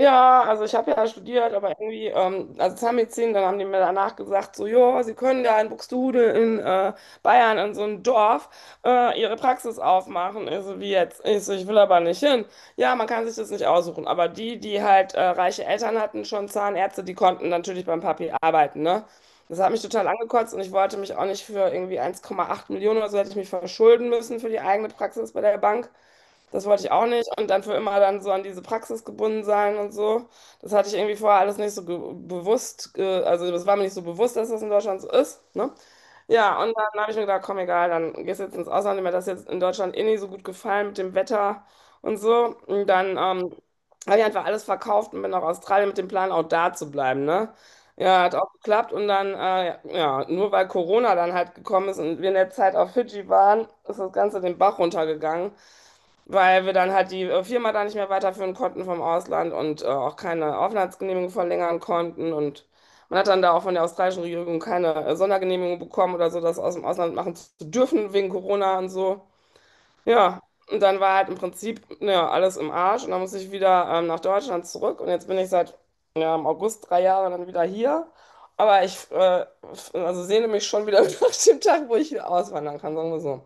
Ja, also ich habe ja studiert, aber irgendwie, also Zahnmedizin, dann haben die mir danach gesagt, so, ja, Sie können da in Buxtehude in Bayern in so einem Dorf Ihre Praxis aufmachen. Ich so, wie jetzt? Ich so, ich will aber nicht hin. Ja, man kann sich das nicht aussuchen, aber die, die halt reiche Eltern hatten, schon Zahnärzte, die konnten natürlich beim Papi arbeiten, ne? Das hat mich total angekotzt und ich wollte mich auch nicht für irgendwie 1,8 Millionen oder so hätte ich mich verschulden müssen für die eigene Praxis bei der Bank. Das wollte ich auch nicht. Und dann für immer dann so an diese Praxis gebunden sein und so. Das hatte ich irgendwie vorher alles nicht so bewusst. Also das war mir nicht so bewusst, dass das in Deutschland so ist. Ne? Ja, und dann habe ich mir gedacht, komm, egal, dann gehst du jetzt ins Ausland. Mir hat das jetzt in Deutschland eh nicht so gut gefallen mit dem Wetter und so. Und dann habe ich einfach alles verkauft und bin nach Australien mit dem Plan, auch da zu bleiben. Ne? Ja, hat auch geklappt. Und dann, ja, nur weil Corona dann halt gekommen ist und wir in der Zeit auf Fidschi waren, ist das Ganze den Bach runtergegangen, weil wir dann halt die Firma da nicht mehr weiterführen konnten vom Ausland und auch keine Aufenthaltsgenehmigung verlängern konnten. Und man hat dann da auch von der australischen Regierung keine Sondergenehmigung bekommen oder so, das aus dem Ausland machen zu dürfen wegen Corona und so. Ja, und dann war halt im Prinzip ja, alles im Arsch und dann musste ich wieder nach Deutschland zurück, und jetzt bin ich seit, ja, im August 3 Jahre dann wieder hier. Aber ich also sehne mich schon wieder nach dem Tag, wo ich wieder auswandern kann, sagen wir so.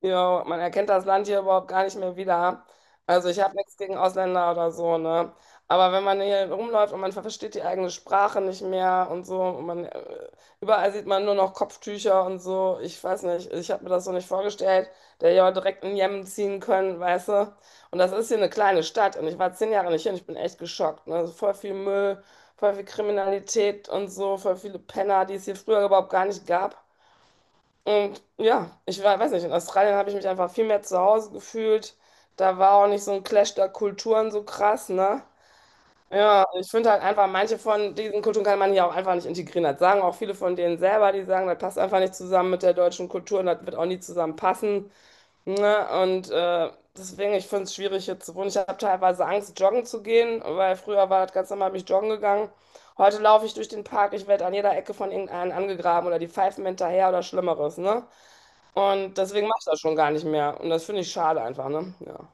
Ja, man erkennt das Land hier überhaupt gar nicht mehr wieder. Also ich habe nichts gegen Ausländer oder so, ne? Aber wenn man hier rumläuft und man versteht die eigene Sprache nicht mehr und so, und man, überall sieht man nur noch Kopftücher und so, ich weiß nicht, ich habe mir das so nicht vorgestellt, der ja direkt in Jemen ziehen können, weißt du? Und das ist hier eine kleine Stadt und ich war 10 Jahre nicht hier und ich bin echt geschockt, ne? Also voll viel Müll, voll viel Kriminalität und so, voll viele Penner, die es hier früher überhaupt gar nicht gab. Und ja, ich war, weiß nicht, in Australien habe ich mich einfach viel mehr zu Hause gefühlt. Da war auch nicht so ein Clash der Kulturen so krass, ne? Ja, ich finde halt einfach, manche von diesen Kulturen kann man hier auch einfach nicht integrieren. Das sagen auch viele von denen selber, die sagen, das passt einfach nicht zusammen mit der deutschen Kultur und das wird auch nie zusammenpassen. Ne? Deswegen, ich finde es schwierig hier zu wohnen. Ich habe teilweise Angst, joggen zu gehen, weil früher war das ganz normal, bin ich joggen gegangen. Heute laufe ich durch den Park, ich werde an jeder Ecke von irgendeinem angegraben oder die pfeifen mir hinterher oder Schlimmeres. Ne? Und deswegen mache ich das schon gar nicht mehr. Und das finde ich schade einfach. Ne? Ja.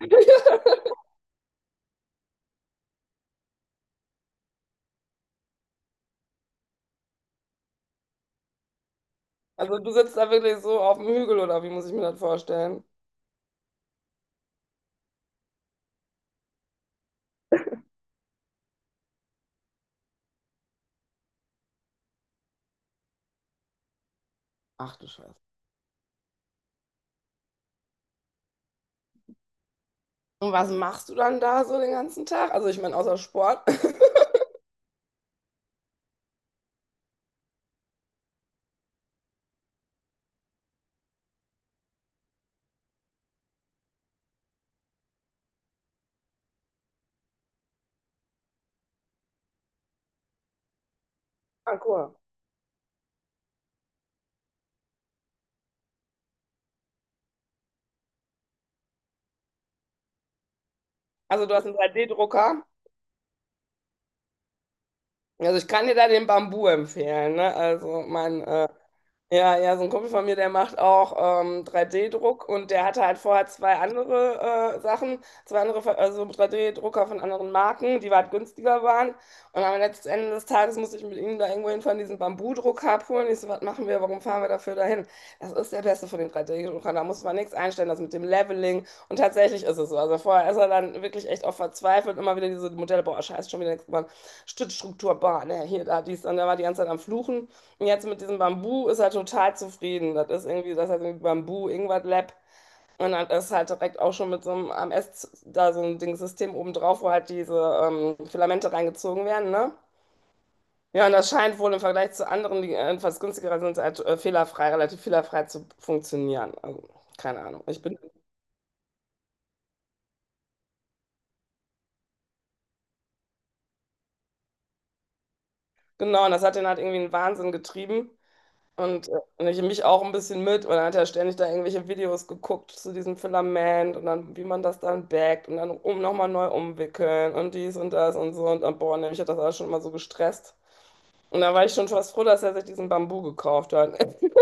Also du sitzt da wirklich so auf dem Hügel oder wie muss ich mir das vorstellen? Ach du Scheiße. Und was machst du dann da so den ganzen Tag? Also ich meine, außer Sport. Ah, cool. Also du hast einen 3D-Drucker. Also ich kann dir da den Bambu empfehlen, ne? Also mein ja, ja, so ein Kumpel von mir, der macht auch, 3D-Druck, und der hatte halt vorher 2 andere, Sachen, 2 andere ver also 3D-Drucker von anderen Marken, die weit günstiger waren. Und am letzten Ende des Tages musste ich mit ihm da irgendwo hinfahren, diesen Bambudrucker abholen. Ich so: „Was machen wir? Warum fahren wir dafür dahin?“ Das ist der Beste von den 3D-Druckern, da muss man nichts einstellen, das mit dem Leveling. Und tatsächlich ist es so. Also, vorher ist er dann wirklich echt auch verzweifelt, immer wieder diese Modelle: „Boah, scheiße, schon wieder nix geworden. Stützstruktur, boah, ne, hier, da, dies.“ Und da war die ganze Zeit am Fluchen. Jetzt mit diesem Bambu ist er total zufrieden. Das ist irgendwie, das heißt irgendwie Bambu Ingwer Lab. Und dann ist halt direkt auch schon mit so einem AMS da so ein Ding System oben drauf, wo halt diese Filamente reingezogen werden, ne? Ja, und das scheint wohl im Vergleich zu anderen, die etwas günstiger sind, halt fehlerfrei, relativ fehlerfrei zu funktionieren. Also, keine Ahnung. Ich bin, genau, und das hat den halt irgendwie in den Wahnsinn getrieben. Und ich mich auch ein bisschen mit. Und dann hat er ständig da irgendwelche Videos geguckt zu diesem Filament und dann, wie man das dann backt und dann, nochmal neu umwickeln und dies und das und so. Und dann, boah, nämlich hat das alles schon immer so gestresst. Und da war ich schon fast froh, dass er sich diesen Bambu gekauft hat.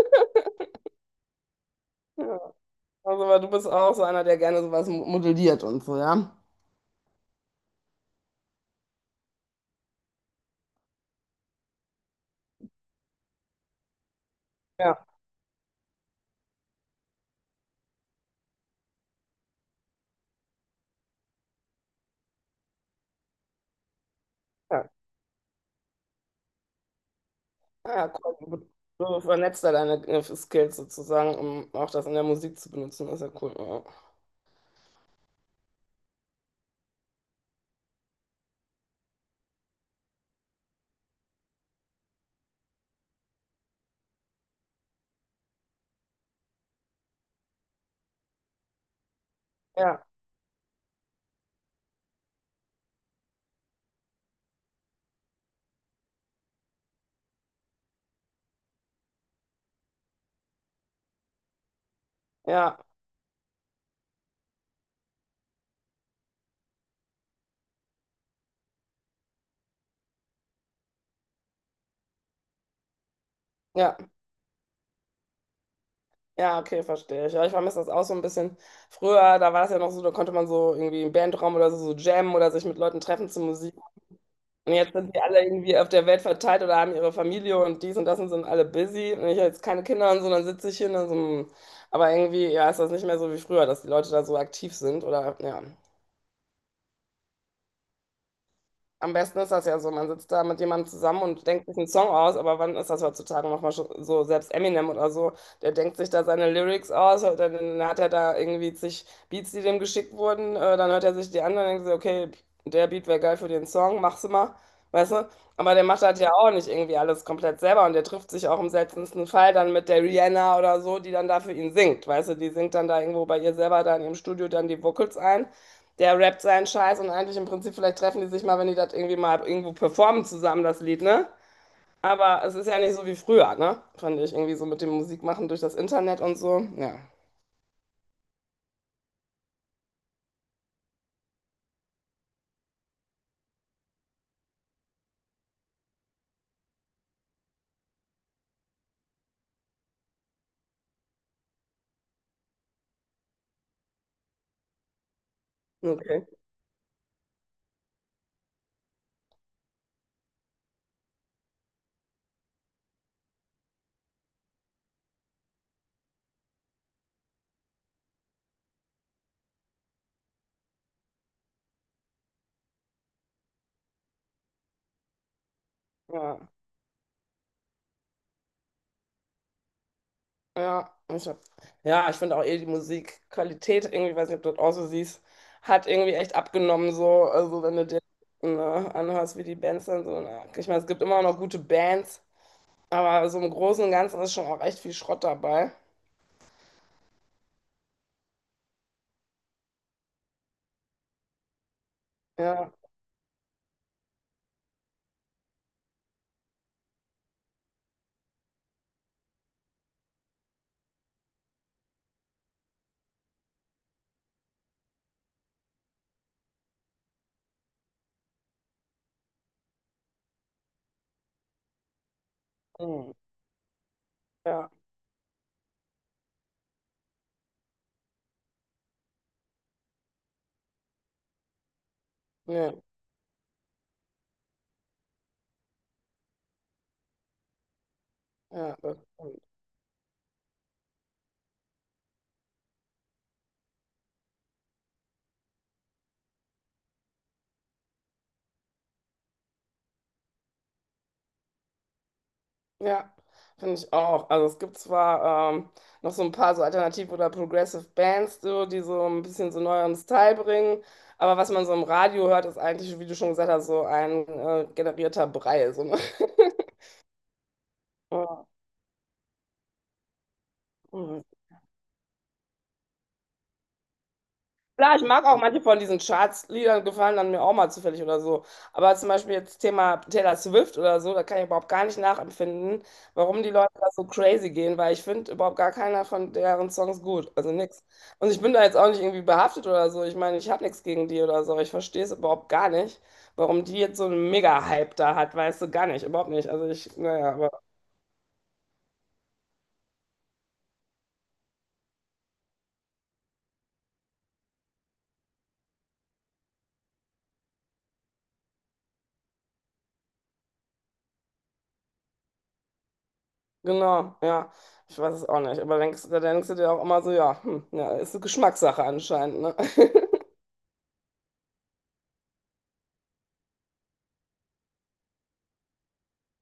Ja. Also, weil du bist auch so einer, der gerne sowas modelliert und so, ja? Ja, ja. Ah, ja, cool. Du vernetzt da deine Skills sozusagen, um auch das in der Musik zu benutzen. Das ist ja cool. Ja, ja, ja. Ja. Ja, okay, verstehe ich. Ja, ich vermisse das auch so ein bisschen. Früher, da war das ja noch so, da konnte man so irgendwie im Bandraum oder so, so jammen oder sich mit Leuten treffen zur Musik. Und jetzt sind die alle irgendwie auf der Welt verteilt oder haben ihre Familie und dies und das und sind alle busy. Und ich habe jetzt keine Kinder und so, dann sitze ich hier und dann so. Hm. Aber irgendwie, ja, ist das nicht mehr so wie früher, dass die Leute da so aktiv sind oder ja. Am besten ist das ja so, man sitzt da mit jemandem zusammen und denkt sich einen Song aus, aber wann ist das heutzutage nochmal so, so, selbst Eminem oder so, der denkt sich da seine Lyrics aus, dann hat er da irgendwie zig Beats, die dem geschickt wurden, dann hört er sich die an und denkt sich, okay, der Beat wäre geil für den Song, mach's mal, weißt du? Aber der macht das ja auch nicht irgendwie alles komplett selber und der trifft sich auch im seltensten Fall dann mit der Rihanna oder so, die dann da für ihn singt, weißt du? Die singt dann da irgendwo bei ihr selber da in ihrem Studio dann die Vocals ein, der rappt seinen Scheiß, und eigentlich im Prinzip, vielleicht treffen die sich mal, wenn die das irgendwie mal irgendwo performen zusammen, das Lied, ne? Aber es ist ja nicht so wie früher, ne? Fand ich irgendwie so mit dem Musikmachen durch das Internet und so. Ja. Okay. Ja. Ja, ich hab, ja, ich finde auch eh die Musikqualität, irgendwie, weiß nicht, ob du das auch so siehst, hat irgendwie echt abgenommen, so. Also, wenn du dir, ne, anhörst, wie die Bands dann so. Na, ich meine, es gibt immer noch gute Bands, aber so im Großen und Ganzen ist schon auch echt viel Schrott dabei. Ja. Mhm. Ja. Nee. Ja, das stimmt. Ja, finde ich auch. Also es gibt zwar, noch so ein paar so Alternative oder Progressive Bands, so, die so ein bisschen so neueren Style bringen, aber was man so im Radio hört, ist eigentlich, wie du schon gesagt hast, so ein generierter Brei. So, ne? Ja. Klar, ich mag auch manche von diesen Charts-Liedern, gefallen dann mir auch mal zufällig oder so. Aber zum Beispiel jetzt Thema Taylor Swift oder so, da kann ich überhaupt gar nicht nachempfinden, warum die Leute da so crazy gehen, weil ich finde überhaupt gar keiner von deren Songs gut. Also nix. Und ich bin da jetzt auch nicht irgendwie behaftet oder so. Ich meine, ich habe nichts gegen die oder so. Ich verstehe es überhaupt gar nicht, warum die jetzt so einen Mega-Hype da hat, weißt du, gar nicht, überhaupt nicht. Also ich, naja, aber genau, ja. Ich weiß es auch nicht. Aber denkst, da denkst du dir auch immer so, ja, hm, ja, ist eine Geschmackssache anscheinend, ne?